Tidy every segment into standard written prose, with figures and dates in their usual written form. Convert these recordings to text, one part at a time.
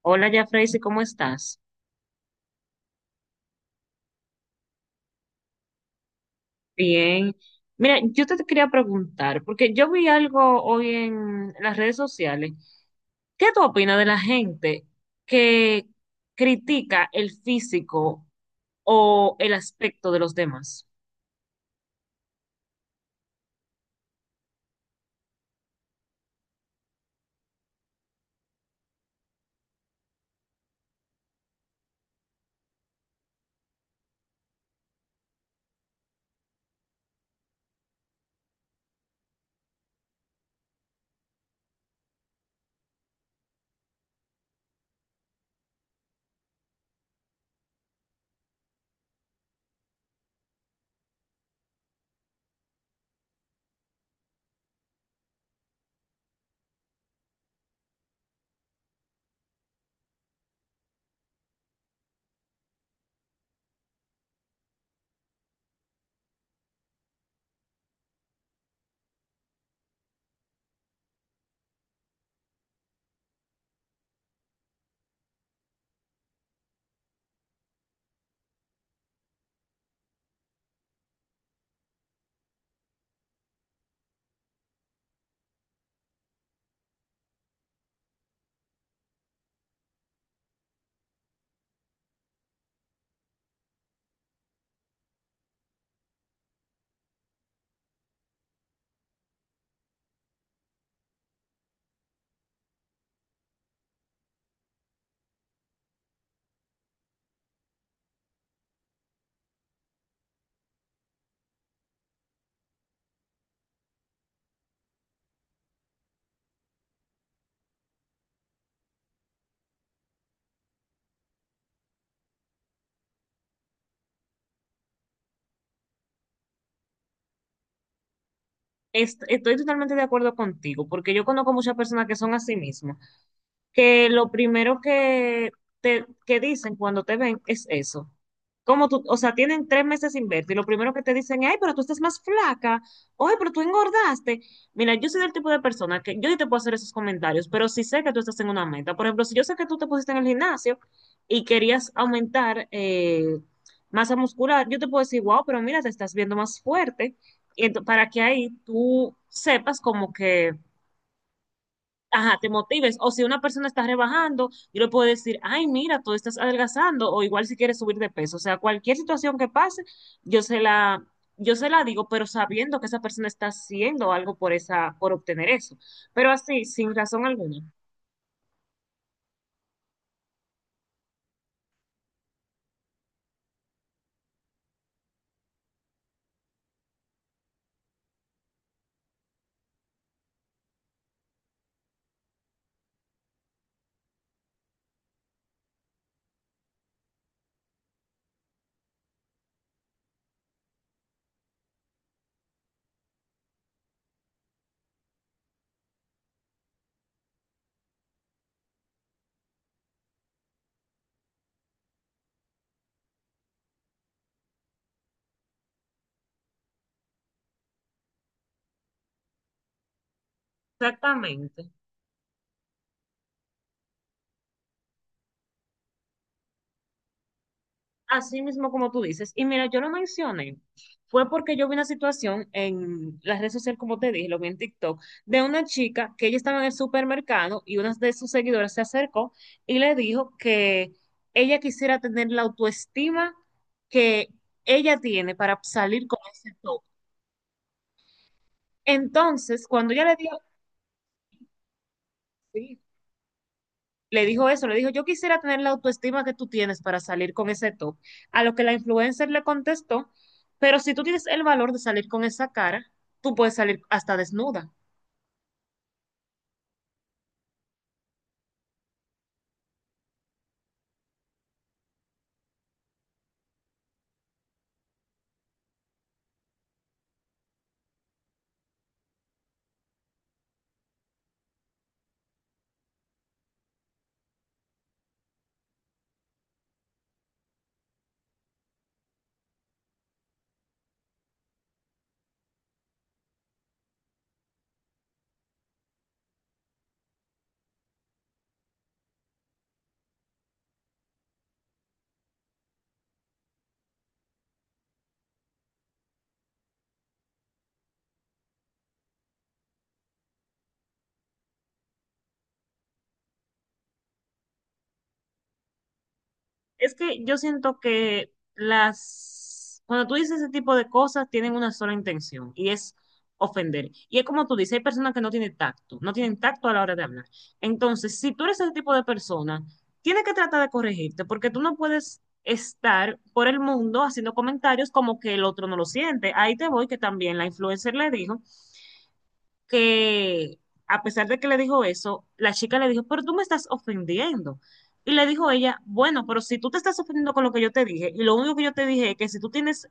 Hola, ya Freysi, ¿cómo estás? Bien. Mira, yo te quería preguntar, porque yo vi algo hoy en las redes sociales. ¿Qué tú opinas de la gente que critica el físico o el aspecto de los demás? Estoy totalmente de acuerdo contigo, porque yo conozco muchas personas que son así mismas, que lo primero que te que dicen cuando te ven es eso. Como tú, o sea, tienen 3 meses sin verte y lo primero que te dicen es, ay, pero tú estás más flaca, ay, pero tú engordaste. Mira, yo soy del tipo de persona que yo sí te puedo hacer esos comentarios, pero si sé que tú estás en una meta. Por ejemplo, si yo sé que tú te pusiste en el gimnasio y querías aumentar masa muscular. Yo te puedo decir, wow, pero mira, te estás viendo más fuerte para que ahí tú sepas como que, ajá, te motives. O si una persona está rebajando, yo le puedo decir, ay, mira, tú estás adelgazando, o igual si quieres subir de peso. O sea, cualquier situación que pase, yo se la, yo se la digo, pero sabiendo que esa persona está haciendo algo por esa, por obtener eso. Pero así, sin razón alguna. Exactamente. Así mismo como tú dices. Y mira, yo lo mencioné. Fue porque yo vi una situación en las redes sociales, como te dije, lo vi en TikTok, de una chica que ella estaba en el supermercado y una de sus seguidoras se acercó y le dijo que ella quisiera tener la autoestima que ella tiene para salir con ese top. Entonces, cuando ella le dijo, sí, le dijo eso, le dijo, yo quisiera tener la autoestima que tú tienes para salir con ese top. A lo que la influencer le contestó, pero si tú tienes el valor de salir con esa cara, tú puedes salir hasta desnuda. Es que yo siento que las, cuando tú dices ese tipo de cosas, tienen una sola intención y es ofender. Y es como tú dices, hay personas que no tienen tacto, no tienen tacto a la hora de hablar. Entonces, si tú eres ese tipo de persona, tienes que tratar de corregirte porque tú no puedes estar por el mundo haciendo comentarios como que el otro no lo siente. Ahí te voy, que también la influencer le dijo que a pesar de que le dijo eso, la chica le dijo, pero tú me estás ofendiendo. Y le dijo ella, bueno, pero si tú te estás ofendiendo con lo que yo te dije, y lo único que yo te dije es que si tú tienes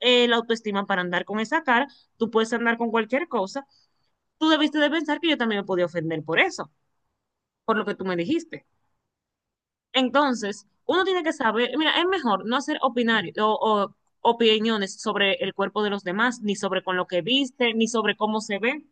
la autoestima para andar con esa cara, tú puedes andar con cualquier cosa, tú debiste de pensar que yo también me podía ofender por eso, por lo que tú me dijiste. Entonces, uno tiene que saber, mira, es mejor no hacer opinar o opiniones sobre el cuerpo de los demás, ni sobre con lo que viste, ni sobre cómo se ve.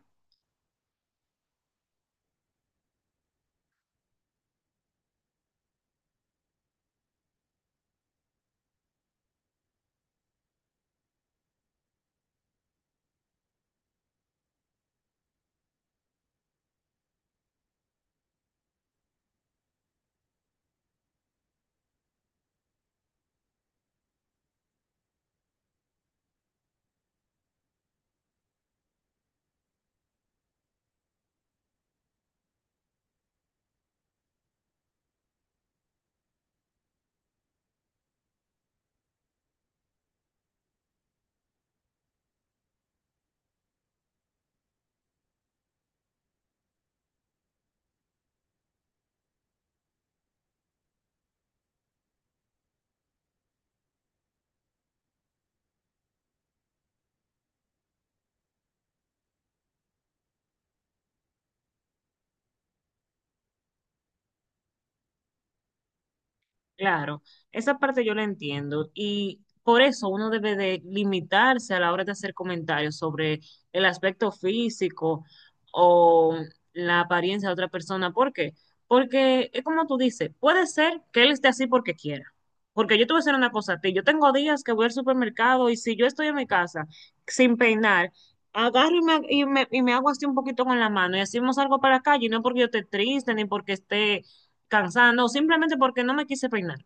Claro, esa parte yo la entiendo y por eso uno debe de limitarse a la hora de hacer comentarios sobre el aspecto físico o la apariencia de otra persona. ¿Por qué? Porque es como tú dices, puede ser que él esté así porque quiera. Porque yo te voy a hacer una cosa a ti, yo tengo días que voy al supermercado y si yo estoy en mi casa sin peinar, agarro y me hago así un poquito con la mano y hacemos algo para la calle, y no porque yo esté triste ni porque esté cansada, no, simplemente porque no me quise peinar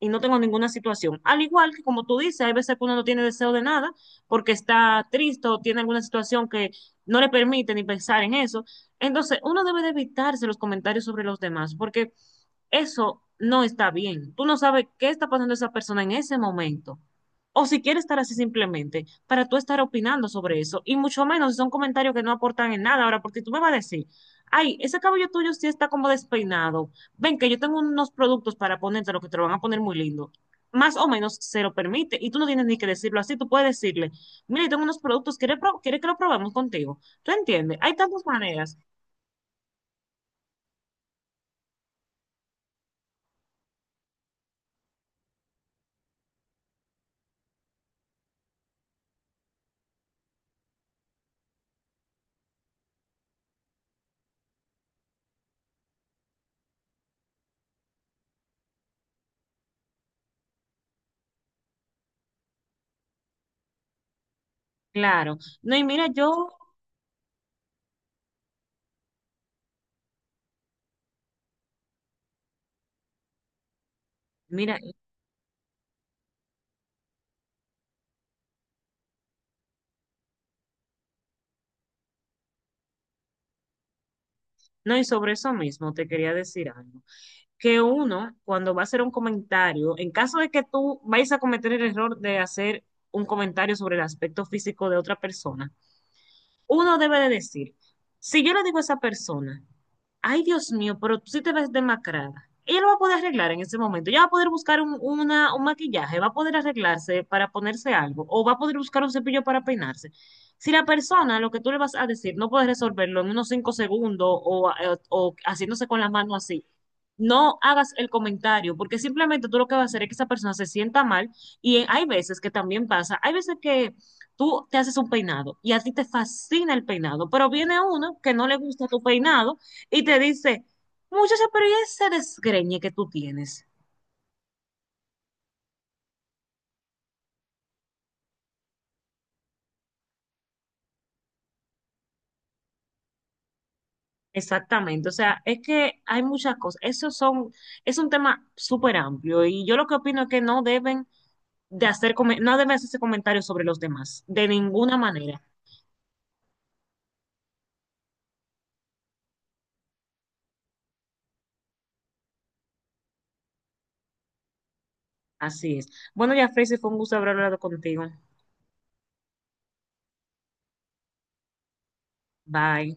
y no tengo ninguna situación. Al igual que como tú dices, hay veces que uno no tiene deseo de nada porque está triste o tiene alguna situación que no le permite ni pensar en eso. Entonces, uno debe de evitarse los comentarios sobre los demás porque eso no está bien. Tú no sabes qué está pasando esa persona en ese momento. O si quiere estar así simplemente, para tú estar opinando sobre eso. Y mucho menos si son comentarios que no aportan en nada. Ahora, porque tú me vas a decir, ay, ese cabello tuyo sí está como despeinado, ven que yo tengo unos productos para ponerte, lo que te lo van a poner muy lindo. Más o menos se lo permite y tú no tienes ni que decirlo así, tú puedes decirle, mire, tengo unos productos, ¿quieres, quieres que lo probemos contigo? ¿Tú entiendes? Hay tantas maneras, claro. No, y mira, yo, mira, no, y sobre eso mismo te quería decir algo, que uno cuando va a hacer un comentario, en caso de que tú vayas a cometer el error de hacer un comentario sobre el aspecto físico de otra persona, uno debe de decir, si yo le digo a esa persona, ay Dios mío, pero tú sí te ves demacrada, ella lo va a poder arreglar en ese momento, ella va a poder buscar un, una- un maquillaje, va a poder arreglarse para ponerse algo, o va a poder buscar un cepillo para peinarse. Si la persona, lo que tú le vas a decir, no puede resolverlo en unos 5 segundos o, o haciéndose con las manos así, no hagas el comentario, porque simplemente tú lo que vas a hacer es que esa persona se sienta mal y hay veces que también pasa, hay veces que tú te haces un peinado y a ti te fascina el peinado, pero viene uno que no le gusta tu peinado y te dice, muchacha, pero ¿y ese desgreñe que tú tienes? Exactamente, o sea, es que hay muchas cosas, esos son, es un tema súper amplio y yo lo que opino es que no deben de hacer, no deben hacerse comentarios sobre los demás, de ninguna manera, así es. Bueno, ya, Tracy, fue un gusto haber hablado contigo, bye.